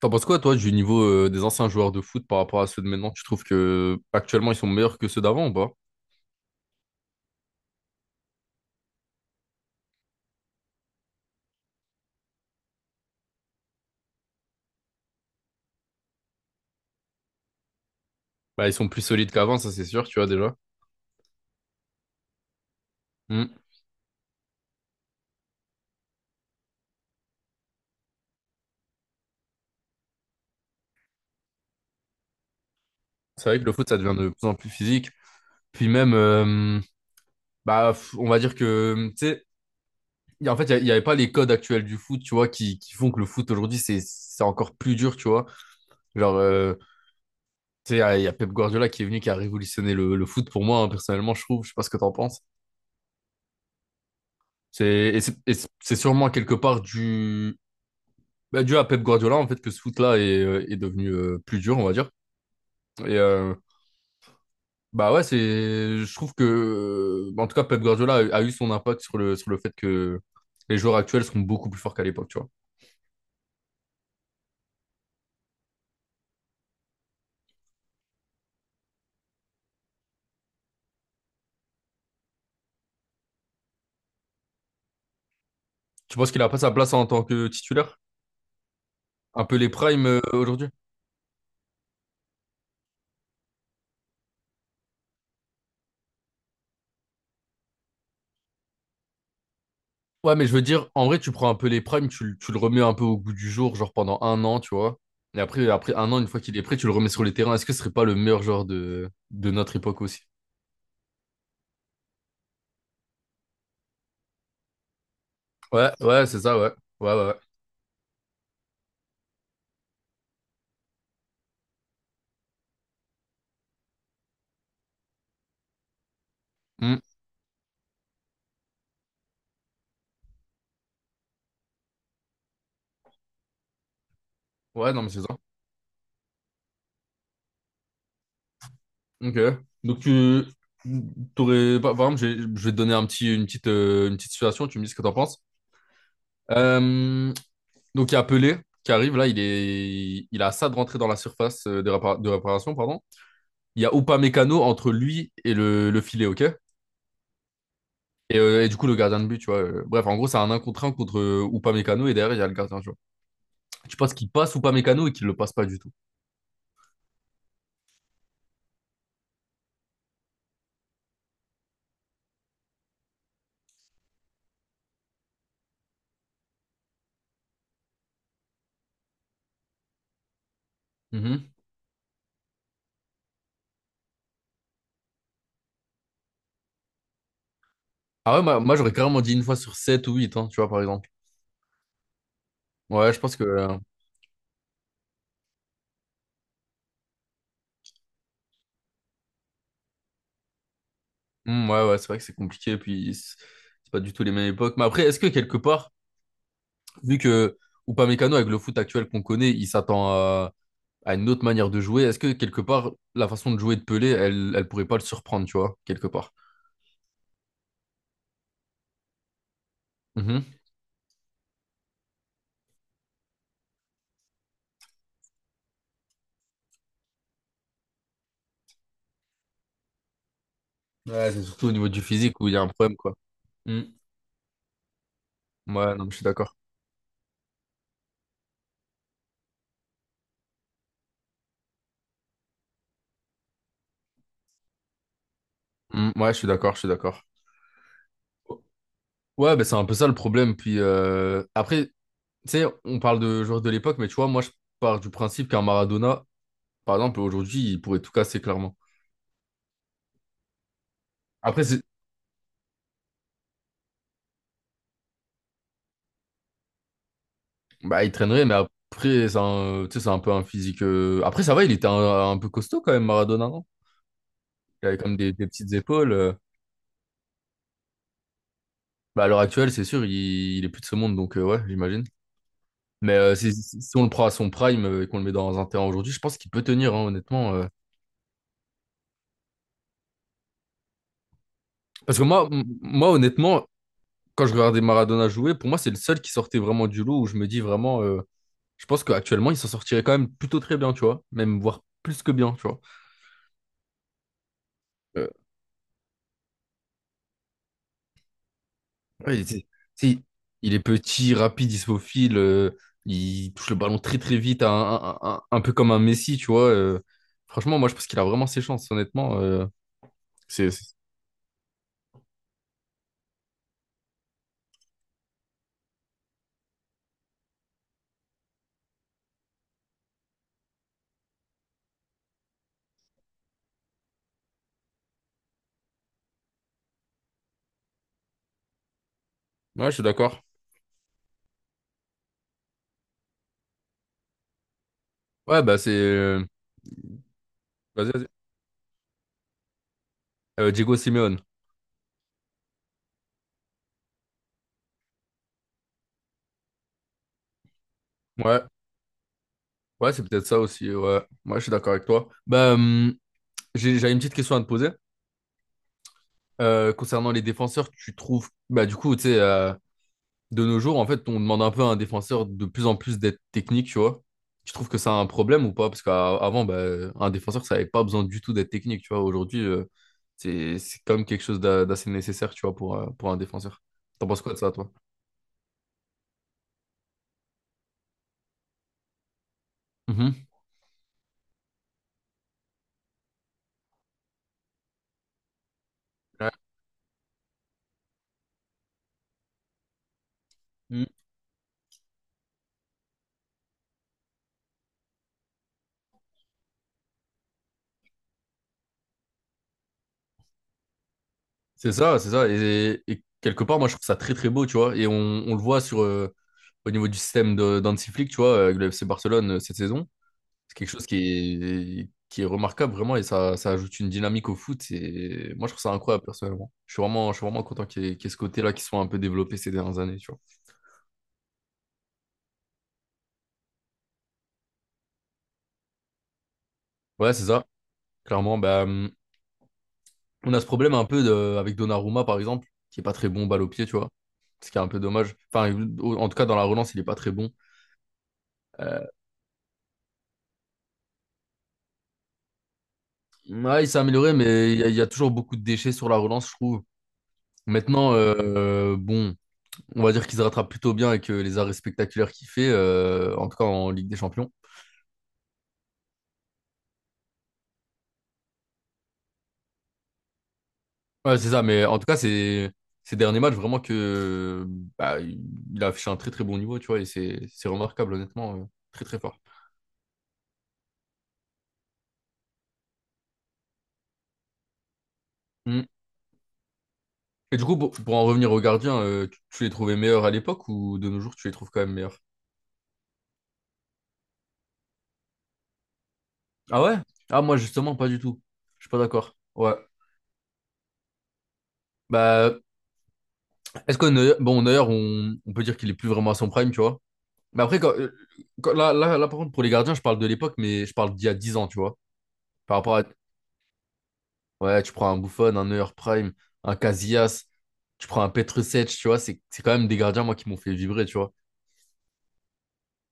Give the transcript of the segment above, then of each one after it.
T'en penses quoi, toi, du niveau des anciens joueurs de foot par rapport à ceux de maintenant? Tu trouves que actuellement ils sont meilleurs que ceux d'avant ou pas? Bah, ils sont plus solides qu'avant, ça c'est sûr, tu vois déjà. Mm. C'est vrai que le foot, ça devient de plus en plus physique. Puis même, bah, on va dire que, tu sais, en fait, il n'y avait pas les codes actuels du foot, tu vois, qui font que le foot aujourd'hui, c'est encore plus dur, tu vois. Genre, tu sais, il y a Pep Guardiola qui est venu, qui a révolutionné le foot pour moi, hein, personnellement, je trouve, je sais pas ce que t'en penses. C'est, et c'est et c'est c'est sûrement quelque part du. Bah, dû à Pep Guardiola, en fait, que ce foot-là est devenu plus dur, on va dire. Et euh, bah ouais, je trouve que, en tout cas, Pep Guardiola a eu son impact sur sur le fait que les joueurs actuels sont beaucoup plus forts qu'à l'époque, tu vois. Tu penses qu'il a pas sa place en tant que titulaire? Un peu les primes aujourd'hui? Ouais, mais je veux dire, en vrai, tu prends un peu les primes, tu le remets un peu au goût du jour, genre pendant un an, tu vois. Et après un an, une fois qu'il est prêt, tu le remets sur les terrains. Est-ce que ce serait pas le meilleur joueur de notre époque aussi? Ouais, ouais, c'est ça, ouais. Ouais, ouais, ouais. Hmm. Ouais, non, mais c'est ça. Ok. Donc, tu t'aurais. Par exemple, je vais te donner un petit, une petite situation, tu me dis ce que t'en penses. Euh, donc, il y a Pelé qui arrive, là, il a ça de rentrer dans la surface de réparation, pardon. Il y a Upamecano entre lui et le filet, ok? Et du coup, le gardien de but, tu vois. Bref, en gros, c'est un 1 contre 1 contre Upamecano et derrière, il y a le gardien, tu vois. Tu penses qu'il passe Upamecano et qu'il le passe pas du tout. Mhm. Ah ouais, moi, j'aurais carrément dit une fois sur 7 ou 8, hein, tu vois, par exemple. Ouais, je pense que. Hmm, ouais, ouais, c'est vrai que c'est compliqué, puis c'est pas du tout les mêmes époques. Mais après, est-ce que quelque part, vu que Upamecano, avec le foot actuel qu'on connaît, il s'attend à une autre manière de jouer, est-ce que quelque part, la façon de jouer de Pelé, elle, elle pourrait pas le surprendre, tu vois, quelque part? Mhm. Ouais, c'est surtout au niveau du physique où il y a un problème, quoi. Hmm. Ouais, non, mais je suis d'accord. Hmm, ouais, je suis d'accord, je suis d'accord. Ouais, ben c'est un peu ça le problème. Puis après, tu sais, on parle de joueurs de l'époque, mais tu vois, moi, je pars du principe qu'un Maradona, par exemple, aujourd'hui, il pourrait tout casser, clairement. Après, bah, il traînerait, mais après, tu sais, c'est un peu un physique. Après, ça va, il était un peu costaud quand même, Maradona, non? Il avait quand même des petites épaules. Bah, à l'heure actuelle, c'est sûr, il est plus de ce monde, donc ouais, j'imagine. Mais si on le prend à son prime et qu'on le met dans un terrain aujourd'hui, je pense qu'il peut tenir, hein, honnêtement. Parce que moi, moi, honnêtement, quand je regardais Maradona jouer, pour moi, c'est le seul qui sortait vraiment du lot où je me dis vraiment, je pense qu'actuellement, il s'en sortirait quand même plutôt très bien, tu vois, même voire plus que bien, tu vois. Ouais, c'est- c'est- il est petit, rapide, issophile, il touche le ballon très très vite, un peu comme un Messi, tu vois. Franchement, moi je pense qu'il a vraiment ses chances, honnêtement. C'est, c'est- Ouais, je suis d'accord. Ouais, bah c'est. Vas-y, vas-y. Diego Simeone. Ouais, ouais, c'est peut-être ça aussi, ouais. Moi je suis d'accord avec toi. Bah, j'avais une petite question à te poser. Concernant les défenseurs, tu trouves. Bah du coup, tu sais, de nos jours, en fait, on demande un peu à un défenseur de plus en plus d'être technique, tu vois. Tu trouves que ça a un problème ou pas? Parce qu'avant, bah, un défenseur, ça n'avait pas besoin du tout d'être technique, tu vois. Aujourd'hui, c'est quand même quelque chose d'assez nécessaire, tu vois, pour un défenseur. T'en penses quoi de ça, toi? Mhm. Ouais. Mm. C'est ça, c'est ça. Et quelque part, moi, je trouve ça très, très beau, tu vois. Et on le voit au niveau du système d'Hansi Flick, tu vois, avec le FC Barcelone cette saison. C'est quelque chose qui est, remarquable vraiment et ça ajoute une dynamique au foot. Et moi, je trouve ça incroyable personnellement. Je suis vraiment content qu'il y ait ce côté-là qui soit un peu développé ces dernières années. Tu vois. Ouais, c'est ça. Clairement, bah, on a ce problème un peu avec Donnarumma, par exemple, qui est pas très bon balle au pied, tu vois. Ce qui est un peu dommage. Enfin, en tout cas, dans la relance, il est pas très bon. Euh, ouais, il s'est amélioré, mais il y a toujours beaucoup de déchets sur la relance, je trouve. Maintenant, bon, on va dire qu'il se rattrape plutôt bien avec les arrêts spectaculaires qu'il fait, en tout cas en Ligue des Champions. Ouais, c'est ça, mais en tout cas, c'est ces derniers matchs, vraiment que bah, il a affiché un très très bon niveau, tu vois, et c'est remarquable, honnêtement, très très fort. Mm. Et du coup, pour en revenir aux gardiens, tu les trouvais meilleurs à l'époque ou de nos jours, tu les trouves quand même meilleurs? Ah ouais? Ah, moi, justement, pas du tout. Je suis pas d'accord. Ouais. Bah, est-ce que Neuer, bon, Neuer, on peut dire qu'il est plus vraiment à son prime, tu vois? Mais après, là, là, là, par contre, pour les gardiens, je parle de l'époque, mais je parle d'il y a 10 ans, tu vois, par rapport à. Ouais, tu prends un Buffon, un Neuer Prime, un Casillas, tu prends un Petrušec, tu vois, c'est quand même des gardiens, moi, qui m'ont fait vibrer, tu vois.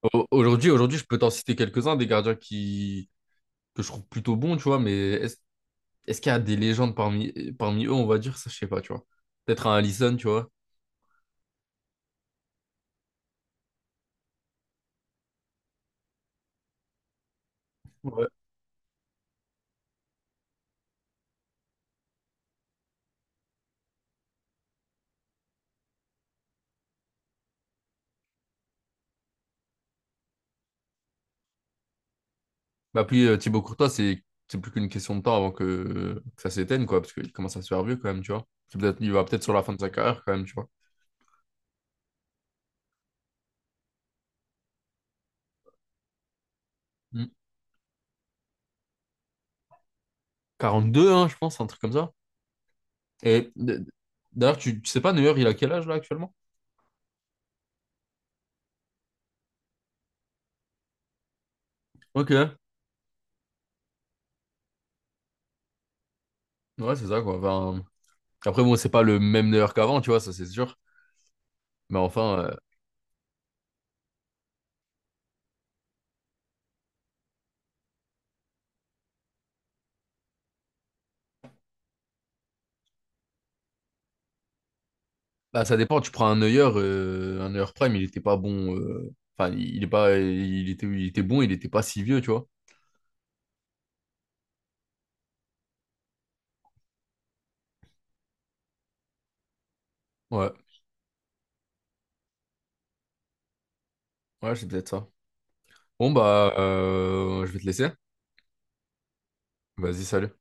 Aujourd'hui, je peux t'en citer quelques-uns, des gardiens qui. Que je trouve plutôt bons, tu vois, mais est-ce qu'il y a des légendes parmi eux, on va dire, ça, je sais pas, tu vois. Peut-être un Alisson, tu vois. Ouais. Bah, puis Thibaut Courtois, c'est plus qu'une question de temps avant que ça s'éteigne, quoi, parce qu'il commence à se faire vieux, quand même, tu vois. Il va peut-être sur la fin de sa carrière, quand même, tu vois. Mm. 42, hein, je pense, un truc comme ça. Et d'ailleurs, tu sais pas, Neuer, il a quel âge là actuellement? Ok. Ouais, c'est ça quoi. Enfin, après, bon, c'est pas le même Neuer qu'avant, tu vois, ça c'est sûr. Mais enfin, bah, ça dépend. Tu prends un Neuer Prime, il était pas bon. Enfin, il est pas, il était bon, il était pas si vieux, tu vois. Ouais, ouais, c'est peut-être ça. Bon, bah, je vais te laisser. Vas-y, salut.